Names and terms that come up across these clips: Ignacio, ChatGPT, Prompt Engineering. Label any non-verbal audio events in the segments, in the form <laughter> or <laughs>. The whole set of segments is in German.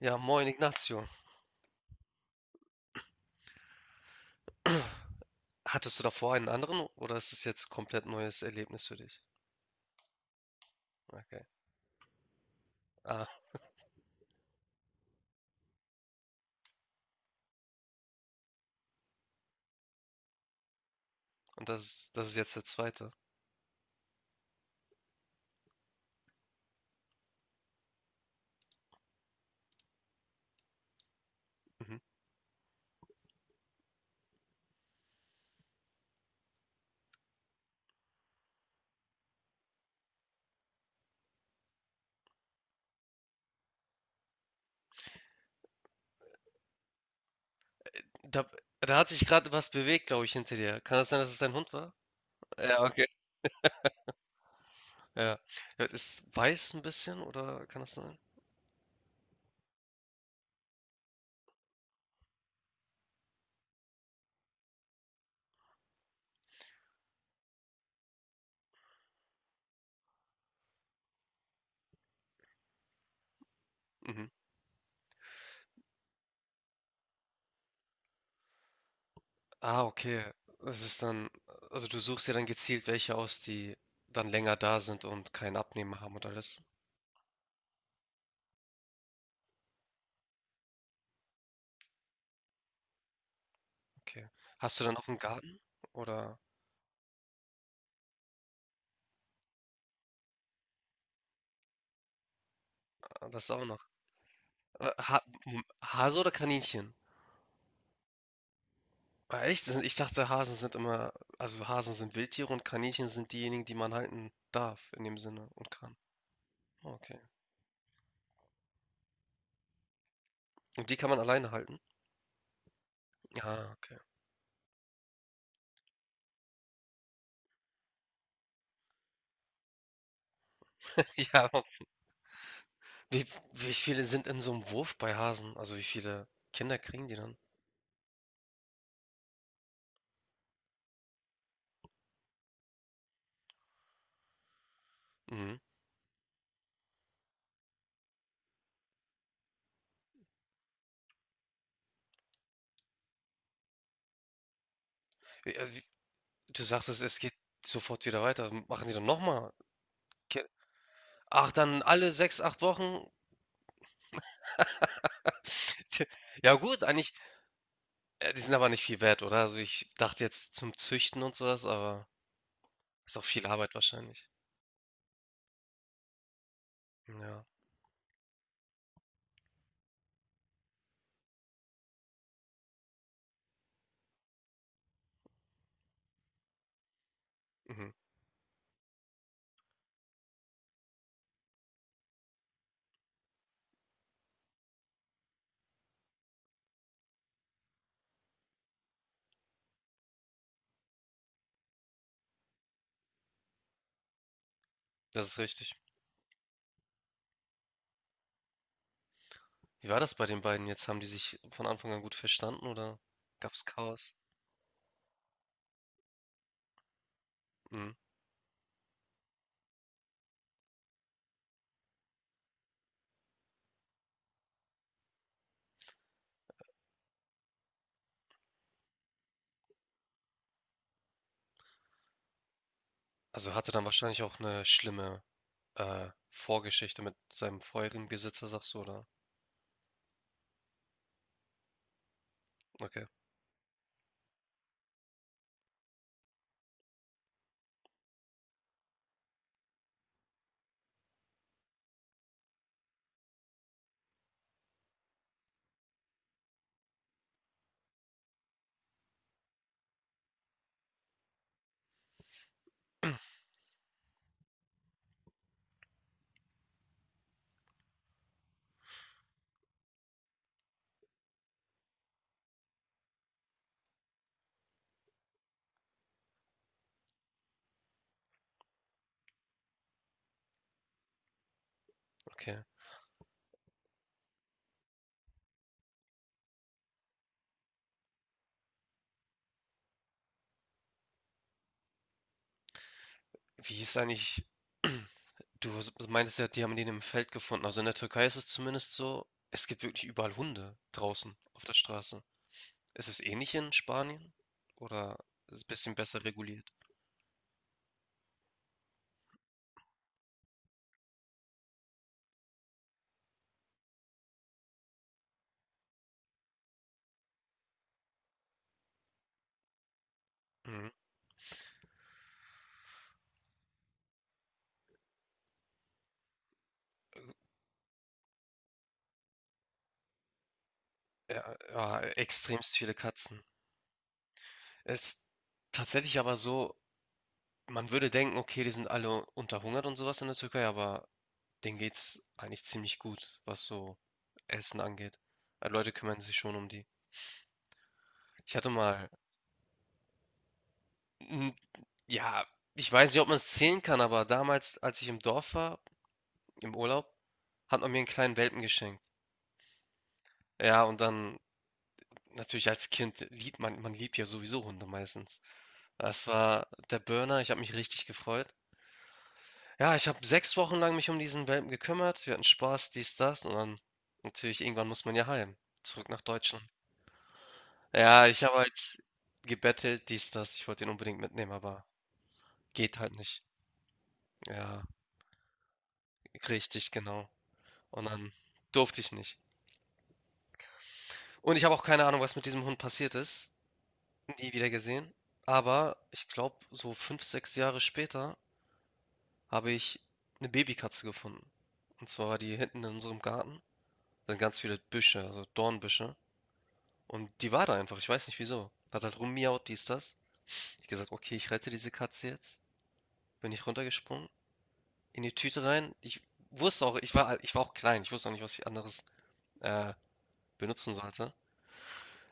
Ja, moin Ignacio. <clears throat> Hattest du davor einen anderen oder ist es jetzt komplett neues Erlebnis für dich? Okay. Ah, und das ist jetzt der zweite. Mhm. Da, da hat sich gerade was bewegt, glaube ich, hinter dir. Kann das sein, dass es dein Hund war? Ja, okay. Ja. Ja, ist weiß ein bisschen oder kann das sein? Mhm. Ah, okay. Es ist dann, also du suchst dir dann gezielt welche aus, die dann länger da sind und keinen Abnehmer haben und alles. Okay. Hast du dann auch einen Garten? Oder das auch noch? Hase oder Kaninchen? Ah, echt? Ich dachte, Hasen sind immer, also Hasen sind Wildtiere und Kaninchen sind diejenigen, die man halten darf in dem Sinne und kann. Okay. Und die kann man alleine halten? Ja, okay. <laughs> Ja, ups. wie, wie viele sind in so einem Wurf bei Hasen? Also wie viele Kinder kriegen die dann? Mhm. Wie- also wie- Du sagtest, es geht sofort wieder weiter. Machen die dann nochmal? Ach, dann alle sechs, acht Wochen? <laughs> Tja, ja gut, eigentlich, die sind aber nicht viel wert, oder? Also ich dachte jetzt zum Züchten und sowas, aber ist auch viel Arbeit wahrscheinlich. Ja, mhm. Das ist richtig. Wie war das bei den beiden jetzt? Haben die sich von Anfang an gut verstanden oder gab's Chaos? Mhm. Also hatte dann wahrscheinlich auch eine schlimme Vorgeschichte mit seinem vorherigen Besitzer, sagst du, oder? Okay, okay. Wie hieß eigentlich, <clears throat> du meintest ja, die haben den im Feld gefunden. Also in der Türkei ist es zumindest so, es gibt wirklich überall Hunde draußen auf der Straße. Ist es ähnlich in Spanien oder ist es ein bisschen besser reguliert? Mhm. Ja, extremst viele Katzen. Ist tatsächlich aber so, man würde denken, okay, die sind alle unterhungert und sowas in der Türkei, aber denen geht's eigentlich ziemlich gut, was so Essen angeht. Also Leute kümmern sich schon um die. Ich hatte mal, n- Ja, ich weiß nicht, ob man es zählen kann, aber damals, als ich im Dorf war, im Urlaub, hat man mir einen kleinen Welpen geschenkt. Ja, und dann natürlich als Kind liebt man, man liebt ja sowieso Hunde meistens. Das war der Burner, ich habe mich richtig gefreut. Ja, ich habe 6 Wochen lang mich um diesen Welpen gekümmert. Wir hatten Spaß, dies, das und dann natürlich irgendwann muss man ja heim, zurück nach Deutschland. Ja, ich habe halt gebettelt, dies, das. Ich wollte ihn unbedingt mitnehmen, aber geht halt nicht. Ja, richtig, genau. Und dann durfte ich nicht. Und ich habe auch keine Ahnung, was mit diesem Hund passiert ist. Nie wieder gesehen. Aber ich glaube, so fünf, sechs Jahre später habe ich eine Babykatze gefunden. Und zwar war die hinten in unserem Garten. Da sind ganz viele Büsche, also Dornbüsche. Und die war da einfach, ich weiß nicht wieso. Hat halt rummiaut, dies, das. Ich gesagt, okay, ich rette diese Katze jetzt. Bin ich runtergesprungen, in die Tüte rein. Ich wusste auch, ich war, halt, ich war auch klein, ich wusste auch nicht, was ich anderes äh, benutzen sollte.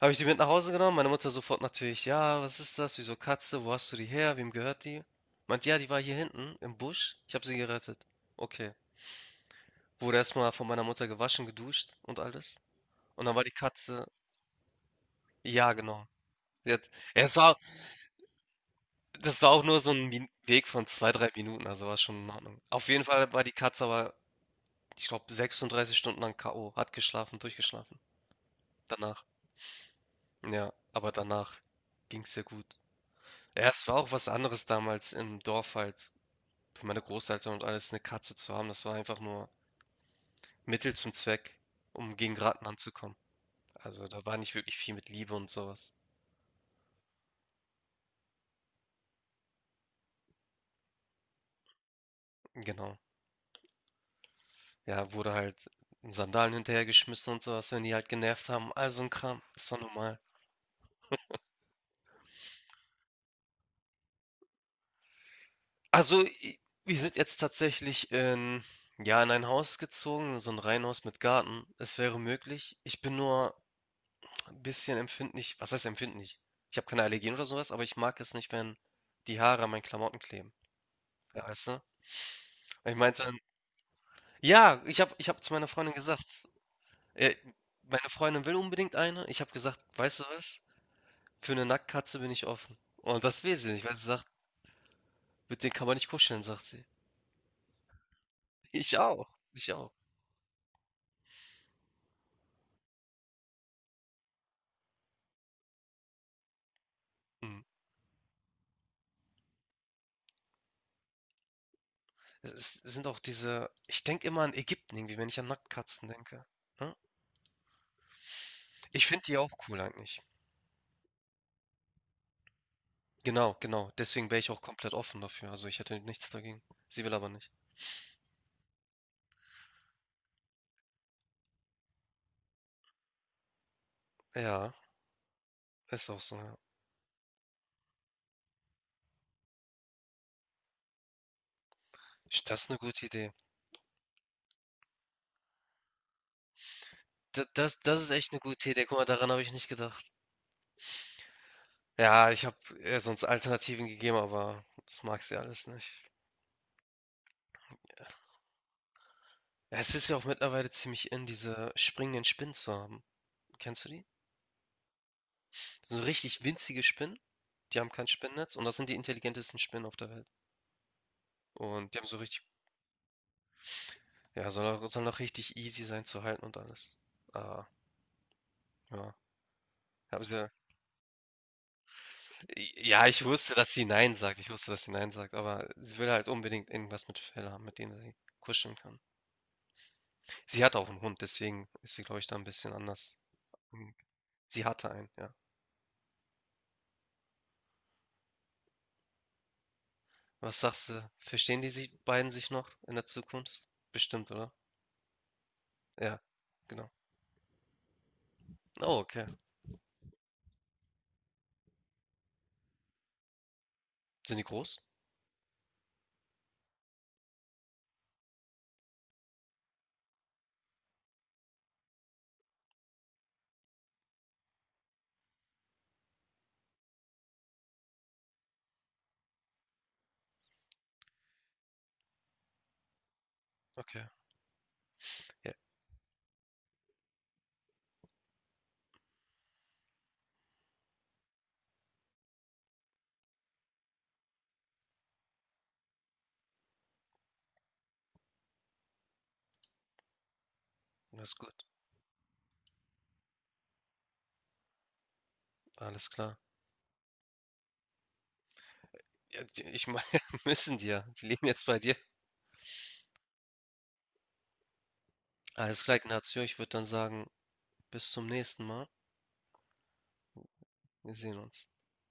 Habe ich die mit nach Hause genommen, meine Mutter sofort natürlich, ja, was ist das, wieso Katze, wo hast du die her, wem gehört die? Meint, ja, die war hier hinten im Busch, ich habe sie gerettet. Okay. Wurde erstmal von meiner Mutter gewaschen, geduscht und alles. Und dann war die Katze, ja, genau. Sie hat, ja, es war, das war auch nur so ein Min Weg von zwei 3 Minuten, also war schon in Ordnung. Auf jeden Fall war die Katze aber, ich glaube, 36 Stunden lang K.O., hat geschlafen, durchgeschlafen danach. Ja, aber danach ging es ihr gut. Ja, es war auch was anderes damals im Dorf halt für meine Großeltern und alles eine Katze zu haben. Das war einfach nur Mittel zum Zweck, um gegen Ratten anzukommen. Also, da war nicht wirklich viel mit Liebe und sowas. Genau. Ja, wurde halt in Sandalen hinterhergeschmissen und sowas, wenn die halt genervt haben, all so ein Kram. Das war normal. Also, i wir sind jetzt tatsächlich in ja, in ein Haus gezogen, so ein Reihenhaus mit Garten. Es wäre möglich. Ich bin nur ein bisschen empfindlich, was heißt empfindlich? Ich habe keine Allergien oder sowas, aber ich mag es nicht, wenn die Haare an meinen Klamotten kleben. Ja, weißt du? Ich meinte dann, ja, ich habe zu meiner Freundin gesagt, äh, meine Freundin will unbedingt eine. Ich habe gesagt: „Weißt du was? Für eine Nacktkatze bin ich offen.“ Und das will sie nicht, weil sie sagt: „Mit denen kann man nicht kuscheln“, sagt sie. <laughs> Ich auch, ich auch. Mhm. Es sind auch diese, ich denke immer an Ägypten irgendwie, wenn ich an Nacktkatzen denke, ne? Ich finde die auch cool eigentlich. Genau, genau. Deswegen wäre ich auch komplett offen dafür. Also, ich hätte nichts dagegen. Sie will aber nicht. Ja, ist auch so, ja. Das ist eine gute Idee. D das das ist echt eine gute Idee. Guck mal, daran habe ich nicht gedacht. Ja, ich habe ihr sonst Alternativen gegeben, aber das mag sie alles nicht. Ja, es ist ja auch mittlerweile ziemlich in, diese springenden Spinnen zu haben. Kennst du die? So richtig winzige Spinnen, die haben kein Spinnennetz und das sind die intelligentesten Spinnen auf der Welt. Und die haben so richtig, ja, soll auch richtig easy sein zu halten und alles. Ah, ja. Haben sie, ja, ich wusste, dass sie Nein sagt. Ich wusste, dass sie Nein sagt, aber sie will halt unbedingt irgendwas mit Fell haben, mit dem sie kuscheln kann. Sie hat auch einen Hund, deswegen ist sie, glaube ich, da ein bisschen anders. Sie hatte einen, ja. Was sagst du? Verstehen die sich, beiden sich noch in der Zukunft? Bestimmt, oder? Ja, genau. Oh, okay. Sind die groß? Okay. Ja, das ist gut. Alles klar. Ja, ich meine, <laughs> müssen die ja. Die leben jetzt bei dir. Alles klar, Ignacio. Ich würde dann sagen, bis zum nächsten Mal. Wir sehen uns.